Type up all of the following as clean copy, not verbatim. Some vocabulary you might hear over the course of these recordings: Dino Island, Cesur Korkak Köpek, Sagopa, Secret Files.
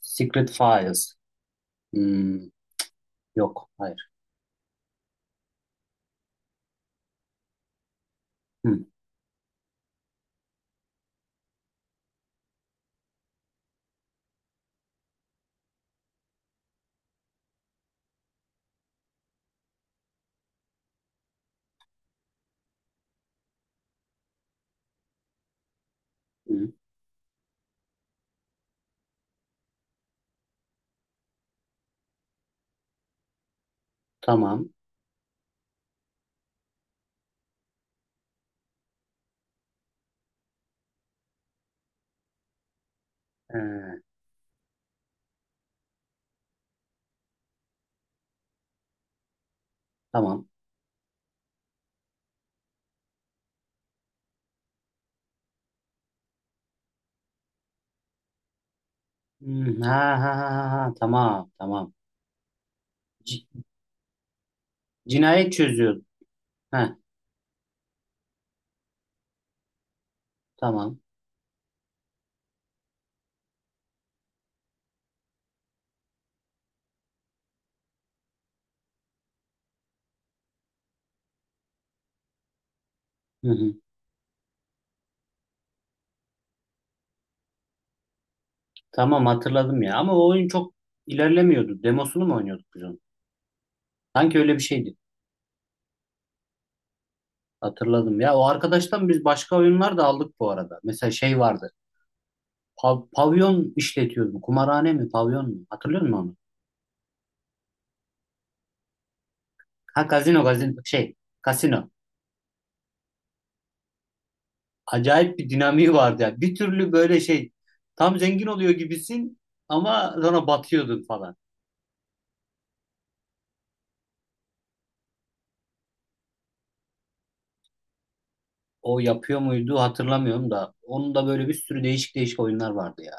Secret Files. Hmm, yok, hayır. Hmm, hmm, tamam. Ee, tamam. Hmm, ha, ha, ha, ha, ha, tamam, tamam. C- cinayet çözüyordu. Ha, tamam. Hı hı. Tamam, hatırladım ya. Ama o oyun çok ilerlemiyordu. Demosunu mu oynuyorduk biz onun? Sanki öyle bir şeydi. Hatırladım ya. O arkadaştan biz başka oyunlar da aldık bu arada. Mesela şey vardı. Pavyon işletiyordu. Kumarhane mi, pavyon mu? Hatırlıyor musun onu? Ha, gazino, gazino. Şey, kasino. Acayip bir dinamiği vardı ya. Bir türlü böyle şey tam zengin oluyor gibisin, ama sonra batıyordun falan. O yapıyor muydu, hatırlamıyorum da onun da böyle bir sürü değişik değişik oyunlar vardı ya.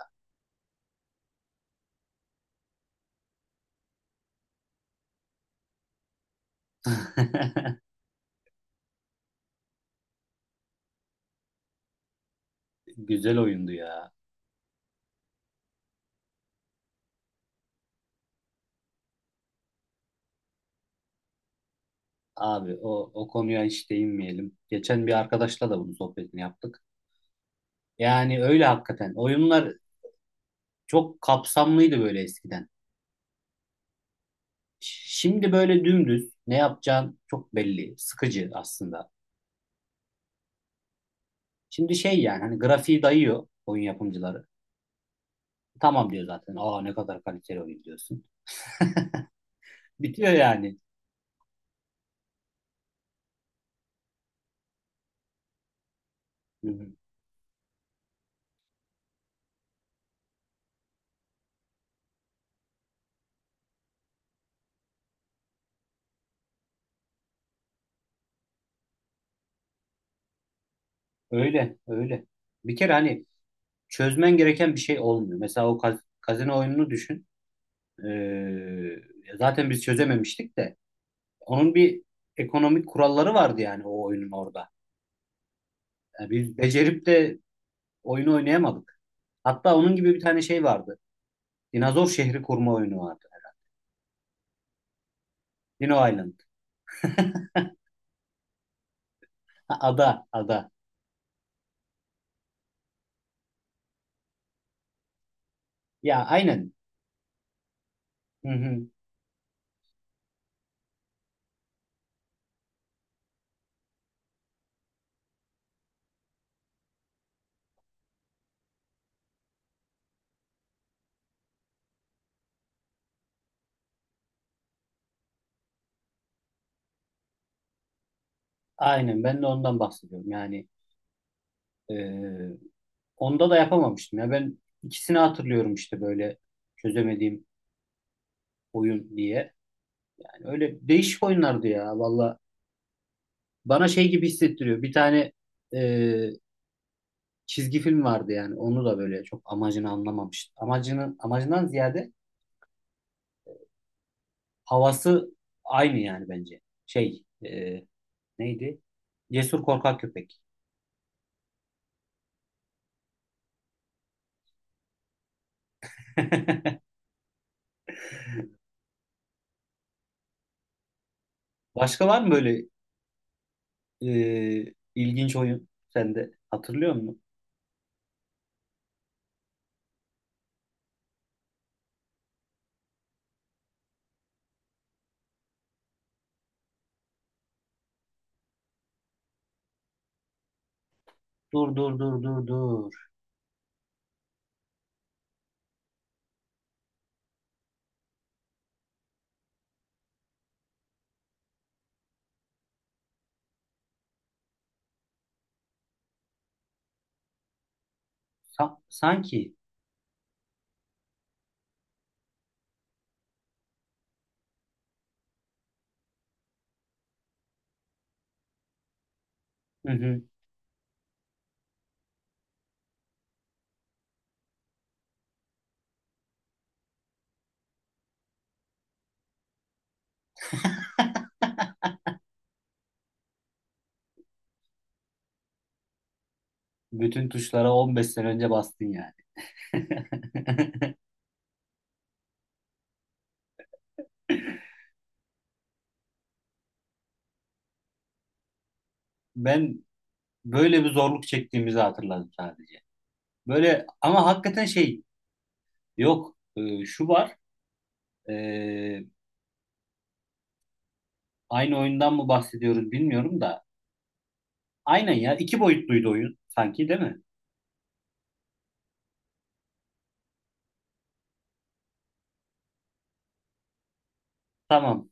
Güzel oyundu ya. Abi o konuya hiç değinmeyelim. Geçen bir arkadaşla da bunun sohbetini yaptık. Yani öyle hakikaten. Oyunlar çok kapsamlıydı böyle eskiden. Şimdi böyle dümdüz ne yapacağın çok belli. Sıkıcı aslında. Şimdi şey yani hani grafiği dayıyor oyun yapımcıları. Tamam diyor zaten. Aa, ne kadar kaliteli oyun diyorsun. Bitiyor yani. Hı hı. Öyle öyle. Bir kere hani çözmen gereken bir şey olmuyor. Mesela o kazino oyununu düşün. Ee, Zaten biz çözememiştik de. Onun bir ekonomik kuralları vardı yani, o oyunun orada. Yani biz becerip de oyunu oynayamadık. Hatta onun gibi bir tane şey vardı. Dinozor şehri kurma oyunu vardı. Dino Island. Ha, ada, ada. Ya aynen. Hı hı. Aynen, ben de ondan bahsediyorum. Yani ee, onda da yapamamıştım. Ya ben ikisini hatırlıyorum işte böyle çözemediğim oyun diye. Yani öyle değişik oyunlardı ya valla. Bana şey gibi hissettiriyor. Bir tane e, çizgi film vardı yani. Onu da böyle çok amacını anlamamıştım. Amacını, amacından ziyade havası aynı yani bence. Şey, neydi? Cesur Korkak Köpek. Başka var mı böyle ilginç oyun, sen de hatırlıyor musun? Dur dur dur dur dur. Sanki. Hı hı. Bütün tuşlara 15 sene önce bastın yani. Ben böyle bir zorluk çektiğimizi hatırladım sadece. Böyle ama hakikaten şey, yok. Şu var. ee, Aynı oyundan mı bahsediyoruz bilmiyorum da. Aynen ya. İki boyutluydu oyun sanki, değil mi? Tamam.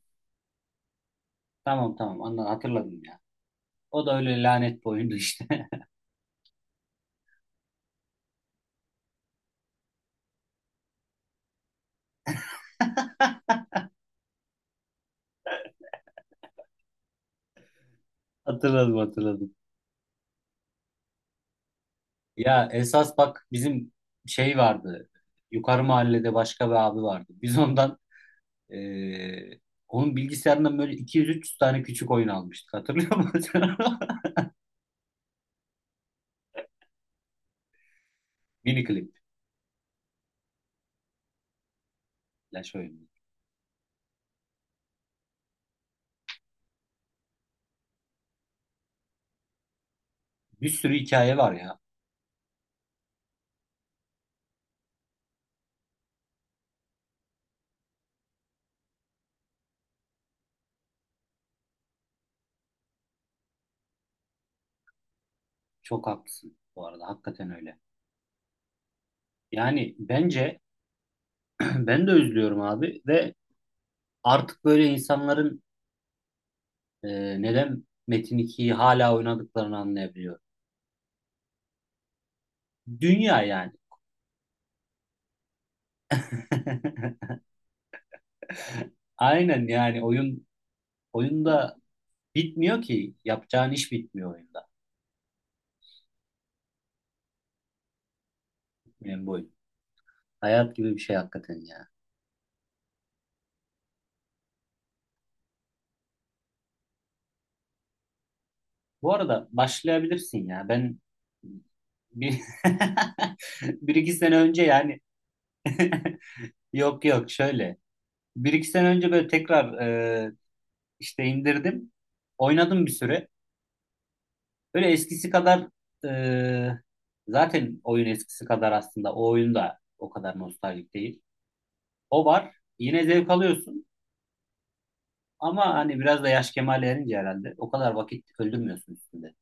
Tamam tamam. Anladım, hatırladım ya. O da öyle lanet bir oyundu işte. Hatırladım hatırladım. Ya esas bak, bizim şey vardı. Yukarı mahallede başka bir abi vardı. Biz ondan, Ee, onun bilgisayarından böyle 200-300 tane küçük oyun almıştık. Hatırlıyor musun? Mini klip. Flash oyunu. Bir sürü hikaye var ya. Çok haklısın bu arada. Hakikaten öyle. Yani bence ben de üzülüyorum abi ve artık böyle insanların neden Metin 2'yi hala oynadıklarını anlayabiliyorum. Dünya yani. Aynen yani oyun oyunda bitmiyor ki. Yapacağın iş bitmiyor oyunda. Yani bu oyun. Hayat gibi bir şey hakikaten ya. Bu arada başlayabilirsin ya. Ben bir, bir iki sene önce yani yok yok, şöyle. Bir iki sene önce böyle tekrar e, işte indirdim. Oynadım bir süre. Böyle eskisi kadar e, zaten oyun eskisi kadar aslında o oyun da o kadar nostaljik değil. O var. Yine zevk alıyorsun. Ama hani biraz da yaş kemale erince herhalde o kadar vakit öldürmüyorsun üstünde.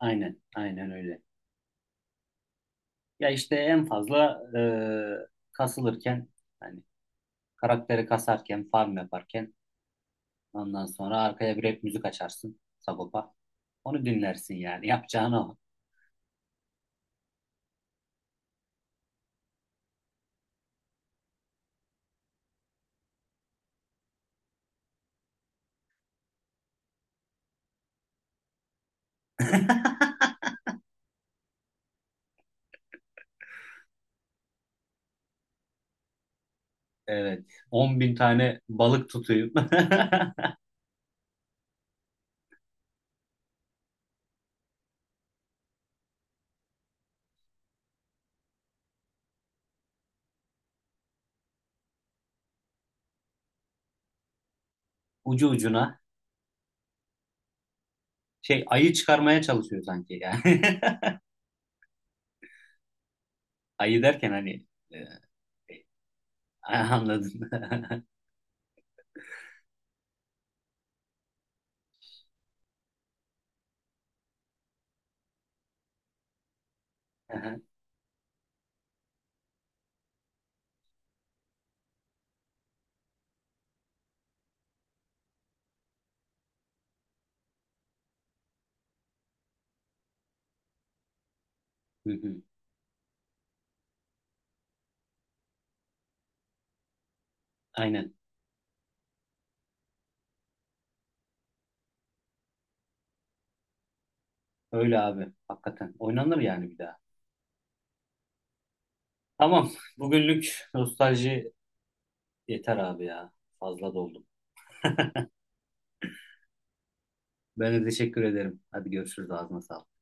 Aynen, aynen öyle. Ya işte en fazla kasılırken hani karakteri kasarken farm yaparken ondan sonra arkaya bir rap müzik açarsın, Sagopa. Onu dinlersin yani yapacağın o. Evet. 10 bin tane balık tutuyup ucu ucuna şey, ayı çıkarmaya çalışıyor sanki yani. Ayı derken hani e, anladın. Hı hı. Aynen. Öyle abi. Hakikaten. Oynanır yani bir daha. Tamam. Bugünlük nostalji yeter abi ya. Fazla doldu. Ben de teşekkür ederim. Hadi görüşürüz. Ağzına sağlık.